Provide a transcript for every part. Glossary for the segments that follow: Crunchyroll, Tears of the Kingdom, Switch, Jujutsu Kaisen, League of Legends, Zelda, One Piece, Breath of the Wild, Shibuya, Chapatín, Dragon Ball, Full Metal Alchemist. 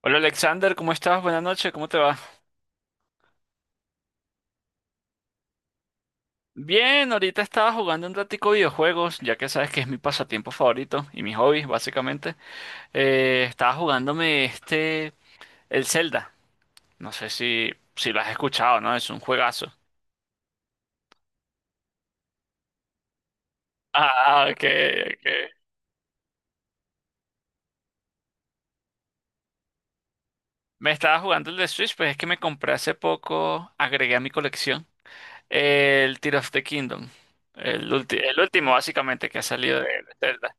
Hola Alexander, ¿cómo estás? Buenas noches, ¿cómo te va? Bien, ahorita estaba jugando un ratico videojuegos, ya que sabes que es mi pasatiempo favorito y mi hobby, básicamente. Estaba jugándome el Zelda. No sé si lo has escuchado, ¿no? Es un juegazo. Ok, ok. Me estaba jugando el de Switch, pues es que me compré hace poco, agregué a mi colección el Tears of the Kingdom. El último, básicamente, que ha salido de Zelda.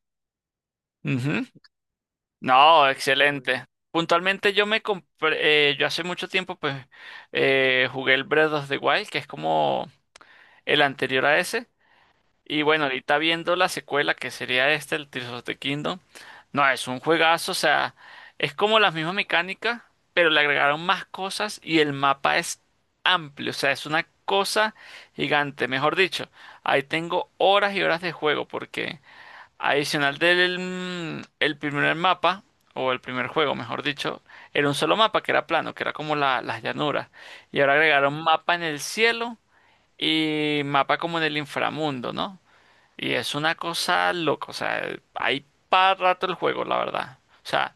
Ujú. No, excelente. Puntualmente yo me compré, yo hace mucho tiempo pues jugué el Breath of the Wild, que es como el anterior a ese. Y bueno, ahorita viendo la secuela, que sería este, el Tears of the Kingdom, no, es un juegazo, o sea, es como las mismas mecánicas, pero le agregaron más cosas y el mapa es amplio, o sea, es una cosa gigante. Mejor dicho, ahí tengo horas y horas de juego, porque... Adicional del el primer mapa, o el primer juego, mejor dicho, era un solo mapa que era plano, que era como las llanuras. Y ahora agregaron mapa en el cielo y mapa como en el inframundo, ¿no? Y es una cosa loca, o sea, hay para rato el juego, la verdad. O sea,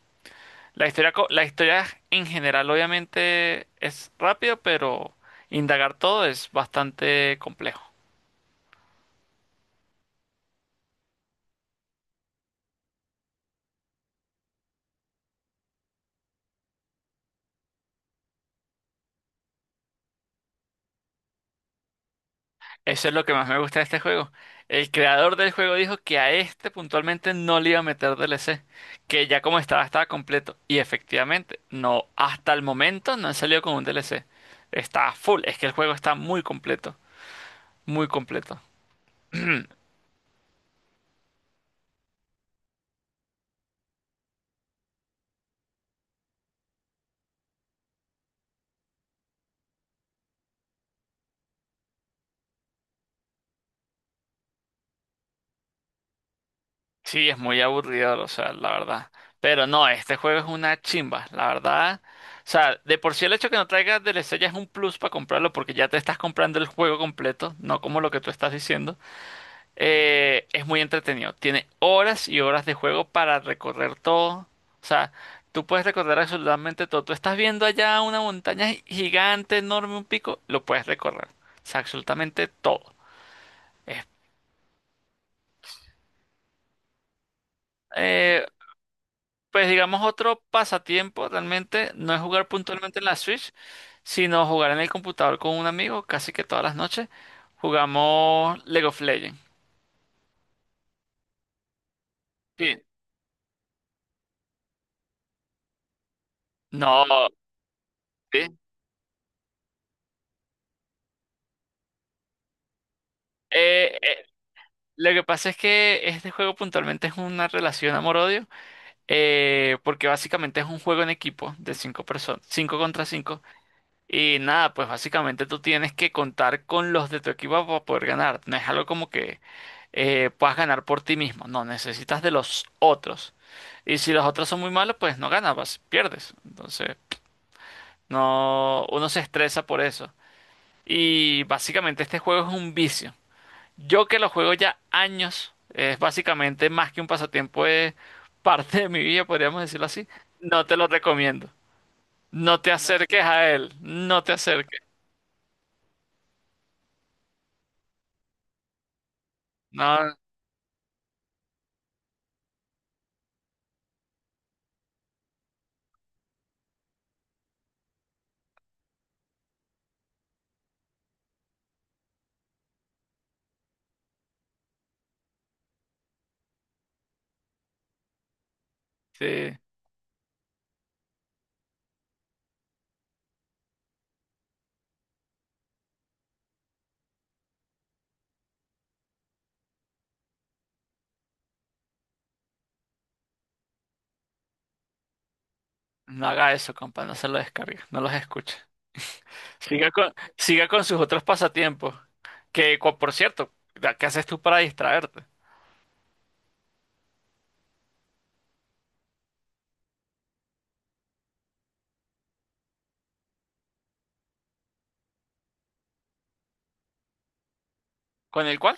la historia en general obviamente es rápido, pero indagar todo es bastante complejo. Eso es lo que más me gusta de este juego. El creador del juego dijo que a este puntualmente no le iba a meter DLC, que ya como estaba, estaba completo. Y efectivamente, no, hasta el momento no han salido con un DLC. Está full, es que el juego está muy completo, muy completo. Sí, es muy aburrido, o sea, la verdad. Pero no, este juego es una chimba, la verdad. O sea, de por sí el hecho que no traiga DLC ya es un plus para comprarlo porque ya te estás comprando el juego completo, no como lo que tú estás diciendo. Es muy entretenido. Tiene horas y horas de juego para recorrer todo. O sea, tú puedes recorrer absolutamente todo. Tú estás viendo allá una montaña gigante, enorme, un pico, lo puedes recorrer. O sea, absolutamente todo. Es, eh, pues digamos, otro pasatiempo realmente no es jugar puntualmente en la Switch, sino jugar en el computador con un amigo casi que todas las noches. Jugamos League of Legends. Sí. No, sí. Eh, eh, Lo que pasa es que este juego puntualmente es una relación amor-odio, porque básicamente es un juego en equipo de 5 personas, 5 contra 5, y nada, pues básicamente tú tienes que contar con los de tu equipo para poder ganar. No es algo como que puedas ganar por ti mismo, no, necesitas de los otros. Y si los otros son muy malos, pues no ganas, pierdes. Entonces, no, uno se estresa por eso. Y básicamente este juego es un vicio. Yo que lo juego ya años, es básicamente más que un pasatiempo, es parte de mi vida, podríamos decirlo así. No te lo recomiendo. No, acerques a él, no te acerques. No, sí, no haga eso, compa, no se lo descargue, no los escuche. Siga con sus otros pasatiempos, que por cierto, ¿qué haces tú para distraerte? ¿Con el cual?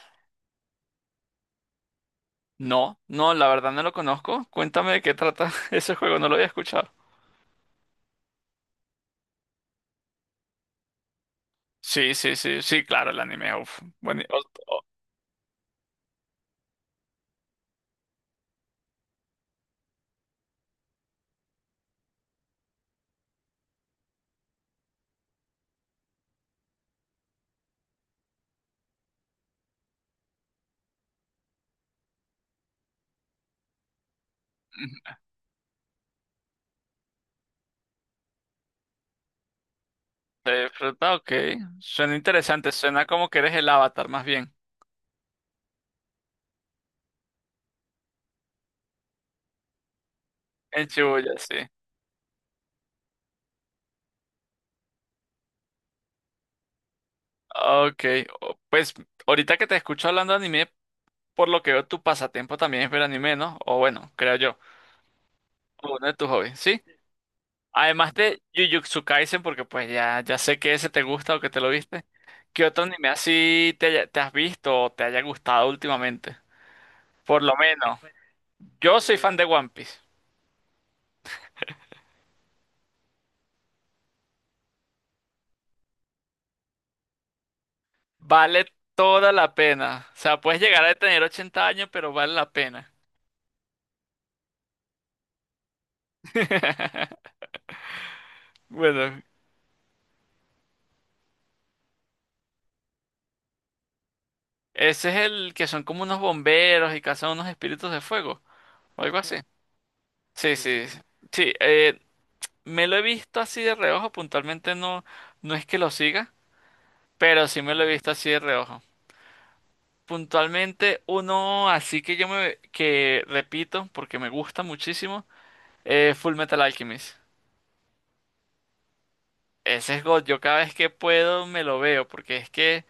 No, no, la verdad no lo conozco. Cuéntame de qué trata ese juego, no lo había escuchado. Sí, sí, sí, sí, claro, el anime. Uf, bueno, fruta, ok. Suena interesante, suena como que eres el avatar, más bien. En Shibuya, sí. Ah, ok, pues ahorita que te escucho hablando de anime, por lo que veo, tu pasatiempo también es ver anime, ¿no? O bueno, creo yo, o uno de tus hobbies, ¿sí? Además de Jujutsu Kaisen, porque pues ya sé que ese te gusta o que te lo viste, ¿qué otro anime así te, te has visto o te haya gustado últimamente? Por lo menos, yo soy fan de One Piece. Vale toda la pena. O sea, puedes llegar a tener 80 años, pero vale la pena. Bueno, ese es el que son como unos bomberos y cazan unos espíritus de fuego o algo así. Sí, sí, sí. Sí, sí, me lo he visto así de reojo. Puntualmente no, no es que lo siga, pero sí me lo he visto así de reojo. Puntualmente uno, así que yo me que repito porque me gusta muchísimo, Full Metal Alchemist. Ese es God. Yo cada vez que puedo me lo veo porque es que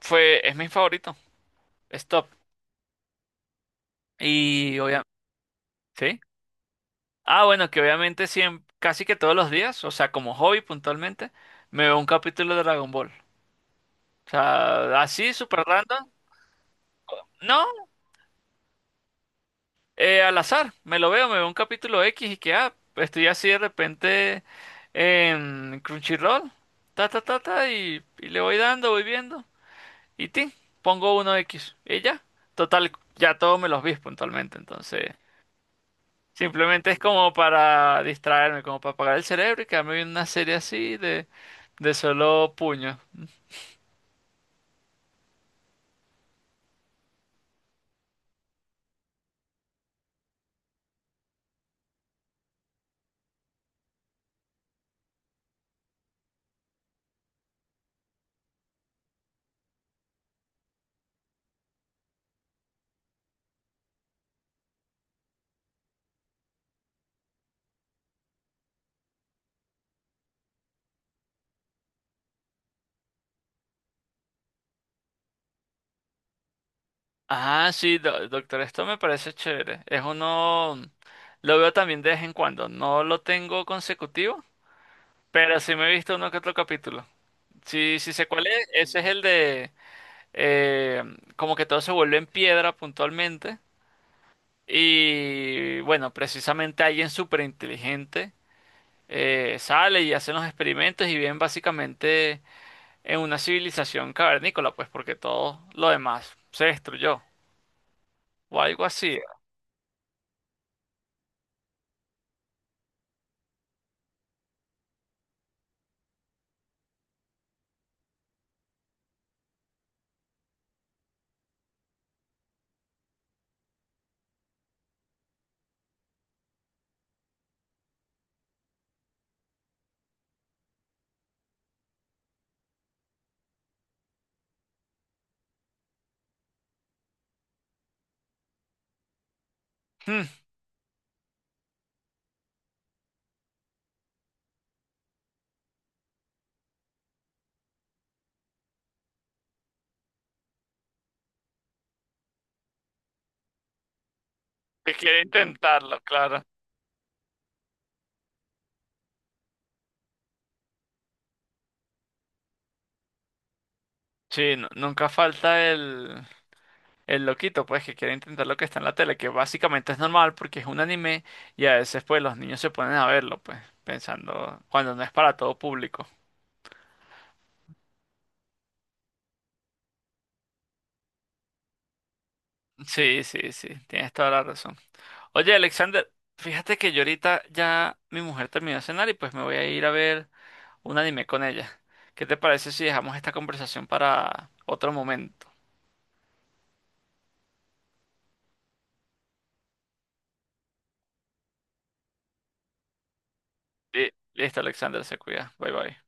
Es mi favorito. Stop. Y obviamente, sí. Ah, bueno, que obviamente siempre, casi que todos los días, o sea, como hobby puntualmente, me veo un capítulo de Dragon Ball. O sea, así, super random. No, al azar, me lo veo, me veo un capítulo X y que, ah, estoy así de repente en Crunchyroll, ta, ta, ta, ta, y le voy dando, voy viendo. Y ti, pongo uno X. Y ya, total, ya todos me los vi puntualmente, entonces. Simplemente es como para distraerme, como para apagar el cerebro y quedarme viendo una serie así de solo puño. Ah, sí, doctor, esto me parece chévere. Es uno, lo veo también de vez en cuando. No lo tengo consecutivo, pero sí me he visto uno que otro capítulo. Sí, sí sé cuál es. Ese es el de eh, como que todo se vuelve en piedra puntualmente. Y bueno, precisamente alguien súper inteligente sale y hace los experimentos y bien básicamente en una civilización cavernícola, pues porque todo lo demás se destruyó o algo así. Hmm, que quiere intentarlo, claro. Sí, nunca falta el loquito, pues que quiere intentar lo que está en la tele, que básicamente es normal porque es un anime y a veces pues los niños se ponen a verlo, pues pensando cuando no es para todo público. Sí, sí, sí, tienes toda la razón. Oye, Alexander, fíjate que yo ahorita ya mi mujer terminó de cenar y pues me voy a ir a ver un anime con ella. ¿Qué te parece si dejamos esta conversación para otro momento? Listo, Alexander, se cuida. Bye bye.